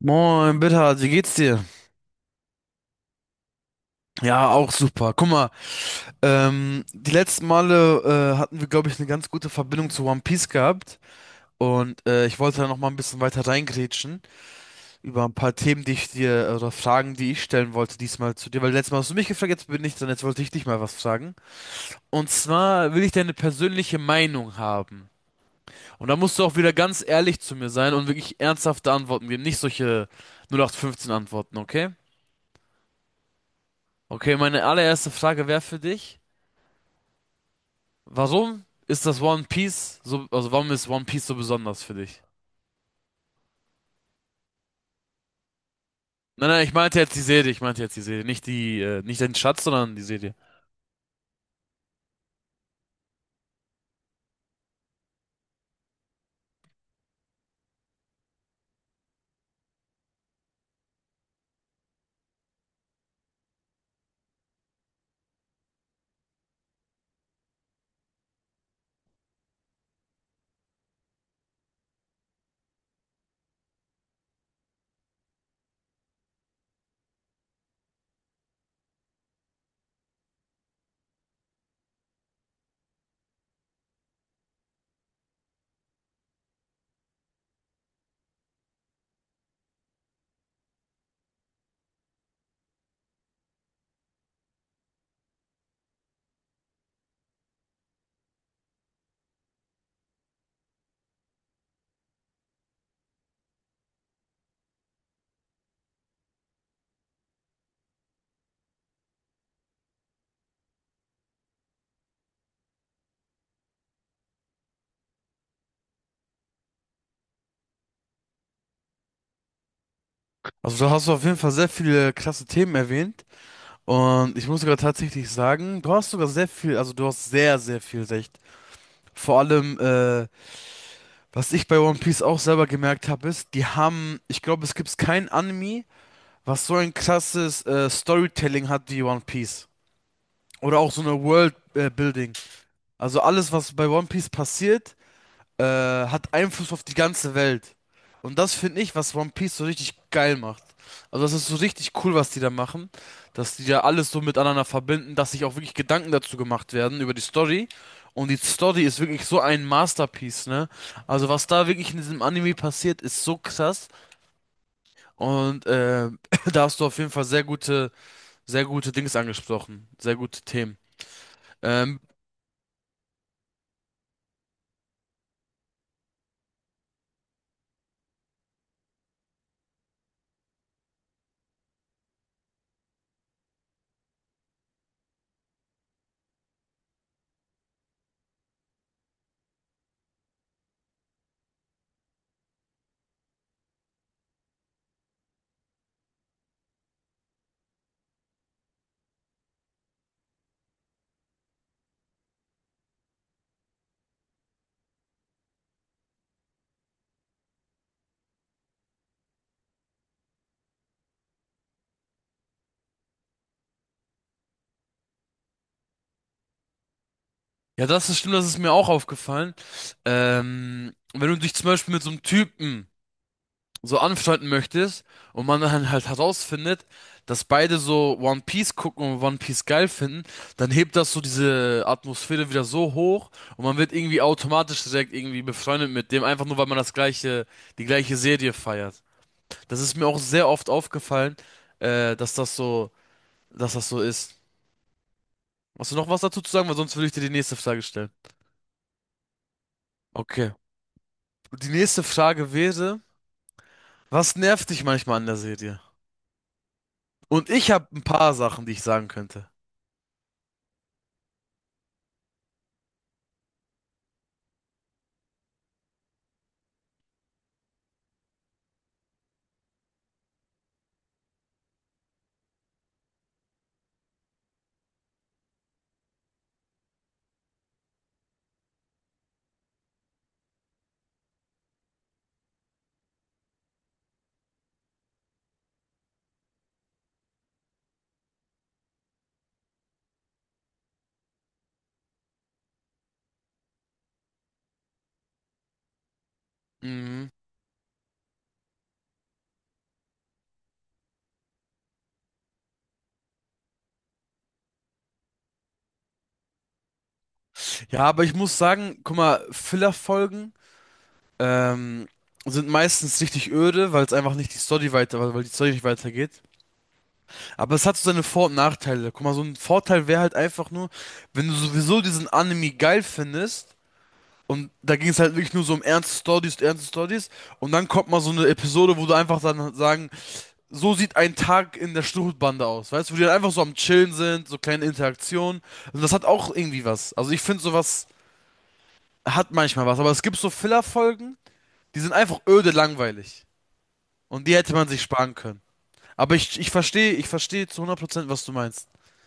Moin, Bitter, wie geht's dir? Ja, auch super. Guck mal, die letzten Male hatten wir, glaube ich, eine ganz gute Verbindung zu One Piece gehabt. Und ich wollte da noch mal ein bisschen weiter reingrätschen über ein paar Themen, die ich dir oder Fragen, die ich stellen wollte diesmal zu dir. Weil letztes Mal hast du mich gefragt, jetzt bin ich dran, jetzt wollte ich dich mal was fragen. Und zwar will ich deine persönliche Meinung haben. Und da musst du auch wieder ganz ehrlich zu mir sein und wirklich ernsthafte Antworten geben, nicht solche null acht fünfzehn Antworten, okay? Okay, meine allererste Frage wäre für dich. Warum ist das One Piece so, also warum ist One Piece so besonders für dich? Nein, nein, ich meinte jetzt die Serie, ich meinte jetzt die Serie, nicht die, nicht den Schatz, sondern die Serie. Also da hast du auf jeden Fall sehr viele klasse Themen erwähnt und ich muss sogar tatsächlich sagen, du hast sogar sehr viel, also du hast sehr, sehr viel recht. Vor allem, was ich bei One Piece auch selber gemerkt habe, ist, die haben, ich glaube, es gibt kein Anime, was so ein krasses Storytelling hat wie One Piece. Oder auch so eine World Building. Also alles, was bei One Piece passiert, hat Einfluss auf die ganze Welt. Und das finde ich, was One Piece so richtig geil macht. Also das ist so richtig cool, was die da machen, dass die da alles so miteinander verbinden, dass sich auch wirklich Gedanken dazu gemacht werden über die Story. Und die Story ist wirklich so ein Masterpiece, ne? Also was da wirklich in diesem Anime passiert, ist so krass. Und da hast du auf jeden Fall sehr gute Dings angesprochen, sehr gute Themen. Ähm, Ja, das ist stimmt, das ist mir auch aufgefallen. Wenn du dich zum Beispiel mit so einem Typen so anfreunden möchtest und man dann halt herausfindet, dass beide so One Piece gucken und One Piece geil finden, dann hebt das so diese Atmosphäre wieder so hoch und man wird irgendwie automatisch direkt irgendwie befreundet mit dem, einfach nur weil man das gleiche, die gleiche Serie feiert. Das ist mir auch sehr oft aufgefallen, äh, dass das so, dass das so ist. Hast du noch was dazu zu sagen? Weil sonst würde ich dir die nächste Frage stellen. Okay. Die nächste Frage wäre, was nervt dich manchmal an der Serie? Und ich habe ein paar Sachen, die ich sagen könnte. Mhm. Ja, aber ich muss sagen, guck mal, Filler-Folgen ähm, sind meistens richtig öde, weil es einfach nicht die Story weiter, weil die Story nicht weitergeht. Aber es hat so seine Vor- und Nachteile. Guck mal, so ein Vorteil wäre halt einfach nur, wenn du sowieso diesen Anime geil findest. Und da ging es halt wirklich nur so um ernste Stories, ernste Stories. Und dann kommt mal so eine Episode, wo du einfach dann sagen so sieht ein Tag in der Stuhlbande aus, weißt du, wo die dann einfach so am Chillen sind, so kleine Interaktionen. Und das hat auch irgendwie was. Also ich finde, sowas hat manchmal was, aber es gibt so Filler-Folgen, die sind einfach öde langweilig. Und die hätte man sich sparen können. Aber ich verstehe, ich verstehe zu 100%, was du meinst.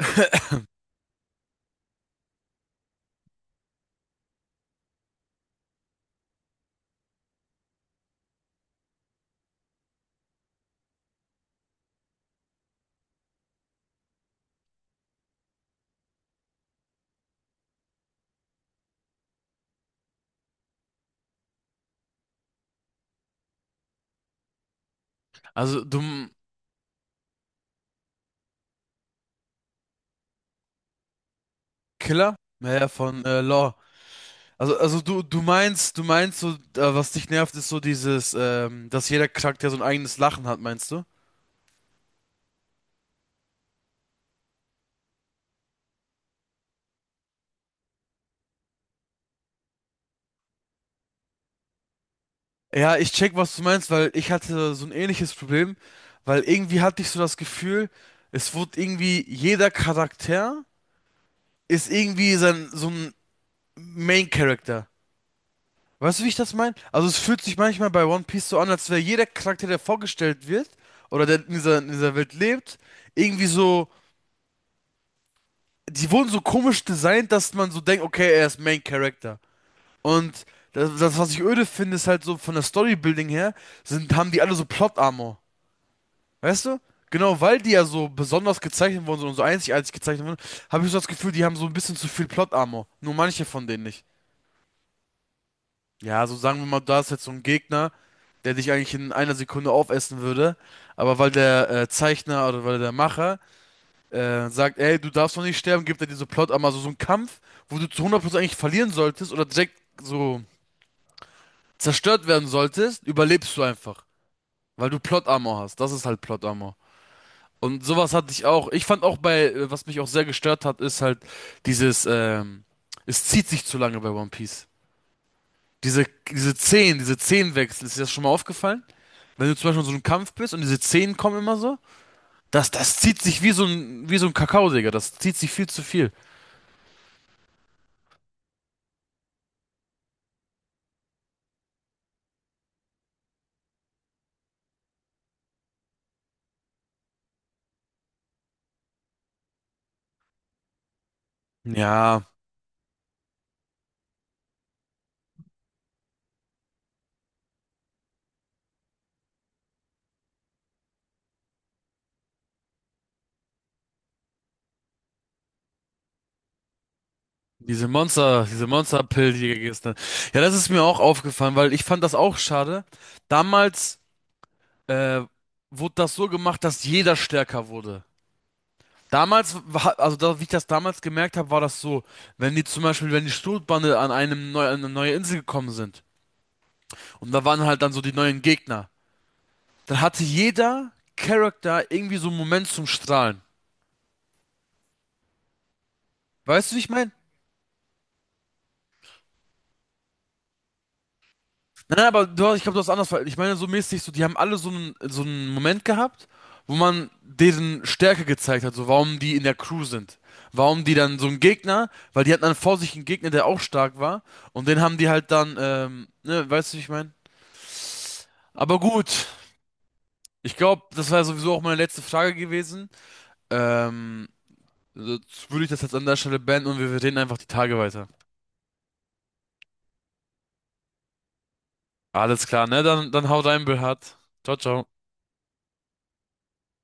Also, du m- Killer? Naja, von Law. Also du, du meinst so, was dich nervt, ist so dieses, dass jeder Charakter so ein eigenes Lachen hat, meinst du? Ja, ich check, was du meinst, weil ich hatte so ein ähnliches Problem, weil irgendwie hatte ich so das Gefühl, es wurde irgendwie jeder Charakter ist irgendwie sein, so ein Main Character. Weißt du, wie ich das meine? Also es fühlt sich manchmal bei One Piece so an, als wäre jeder Charakter, der vorgestellt wird oder der in dieser Welt lebt, irgendwie so, die wurden so komisch designt, dass man so denkt, okay, er ist Main Character. Und das, das, was ich öde finde, ist halt so von der Storybuilding her, sind, haben die alle so Plot Armor. Weißt du? Genau, weil die ja so besonders gezeichnet wurden so, und so einzigartig gezeichnet wurden, habe ich so das Gefühl, die haben so ein bisschen zu viel Plot-Armor. Nur manche von denen nicht. Ja, so sagen wir mal, da ist jetzt so ein Gegner, der dich eigentlich in einer Sekunde aufessen würde. Aber weil der Zeichner oder weil der Macher sagt, ey, du darfst noch nicht sterben, gibt er dir so Plot-Armor, so so einen Kampf, wo du zu 100% eigentlich verlieren solltest oder direkt so zerstört werden solltest, überlebst du einfach. Weil du Plot-Armor hast. Das ist halt Plot-Armor. Und sowas hatte ich auch. Ich fand auch bei, was mich auch sehr gestört hat, ist halt dieses, es zieht sich zu lange bei One Piece. Diese, diese Szenen, diese Szenenwechsel, ist dir das schon mal aufgefallen? Wenn du zum Beispiel in so einem Kampf bist und diese Szenen kommen immer so, das, das zieht sich wie so ein Kakao, Digga. Das zieht sich viel zu viel. Ja, diese Monster, diese Monsterpill, die gestern. Ja, das ist mir auch aufgefallen, weil ich fand das auch schade. Damals, äh, wurde das so gemacht, dass jeder stärker wurde. Damals, war- also da, wie ich das damals gemerkt habe, war das so, wenn die zum Beispiel, wenn die Sturmbanne an einem neu, an eine neue Insel gekommen sind und da waren halt dann so die neuen Gegner, dann hatte jeder Charakter irgendwie so einen Moment zum Strahlen. Weißt du, wie ich meine? Nein, nein, aber du, hast- ich glaube, du hast anders. Ver- Ich meine, so mäßig, so, die haben alle so einen Moment gehabt, wo man deren Stärke gezeigt hat, so warum die in der Crew sind. Warum die dann so einen Gegner, weil die hatten dann vor sich einen Gegner, der auch stark war. Und den haben die halt dann, ne, weißt du, wie ich meine? Aber gut, ich glaube, das war ja sowieso auch meine letzte Frage gewesen. Ähm, jetzt würde ich das jetzt an der Stelle beenden und wir reden einfach die Tage weiter. Alles klar, ne? Dann, dann hau rein, Bernhard. Ciao, ciao.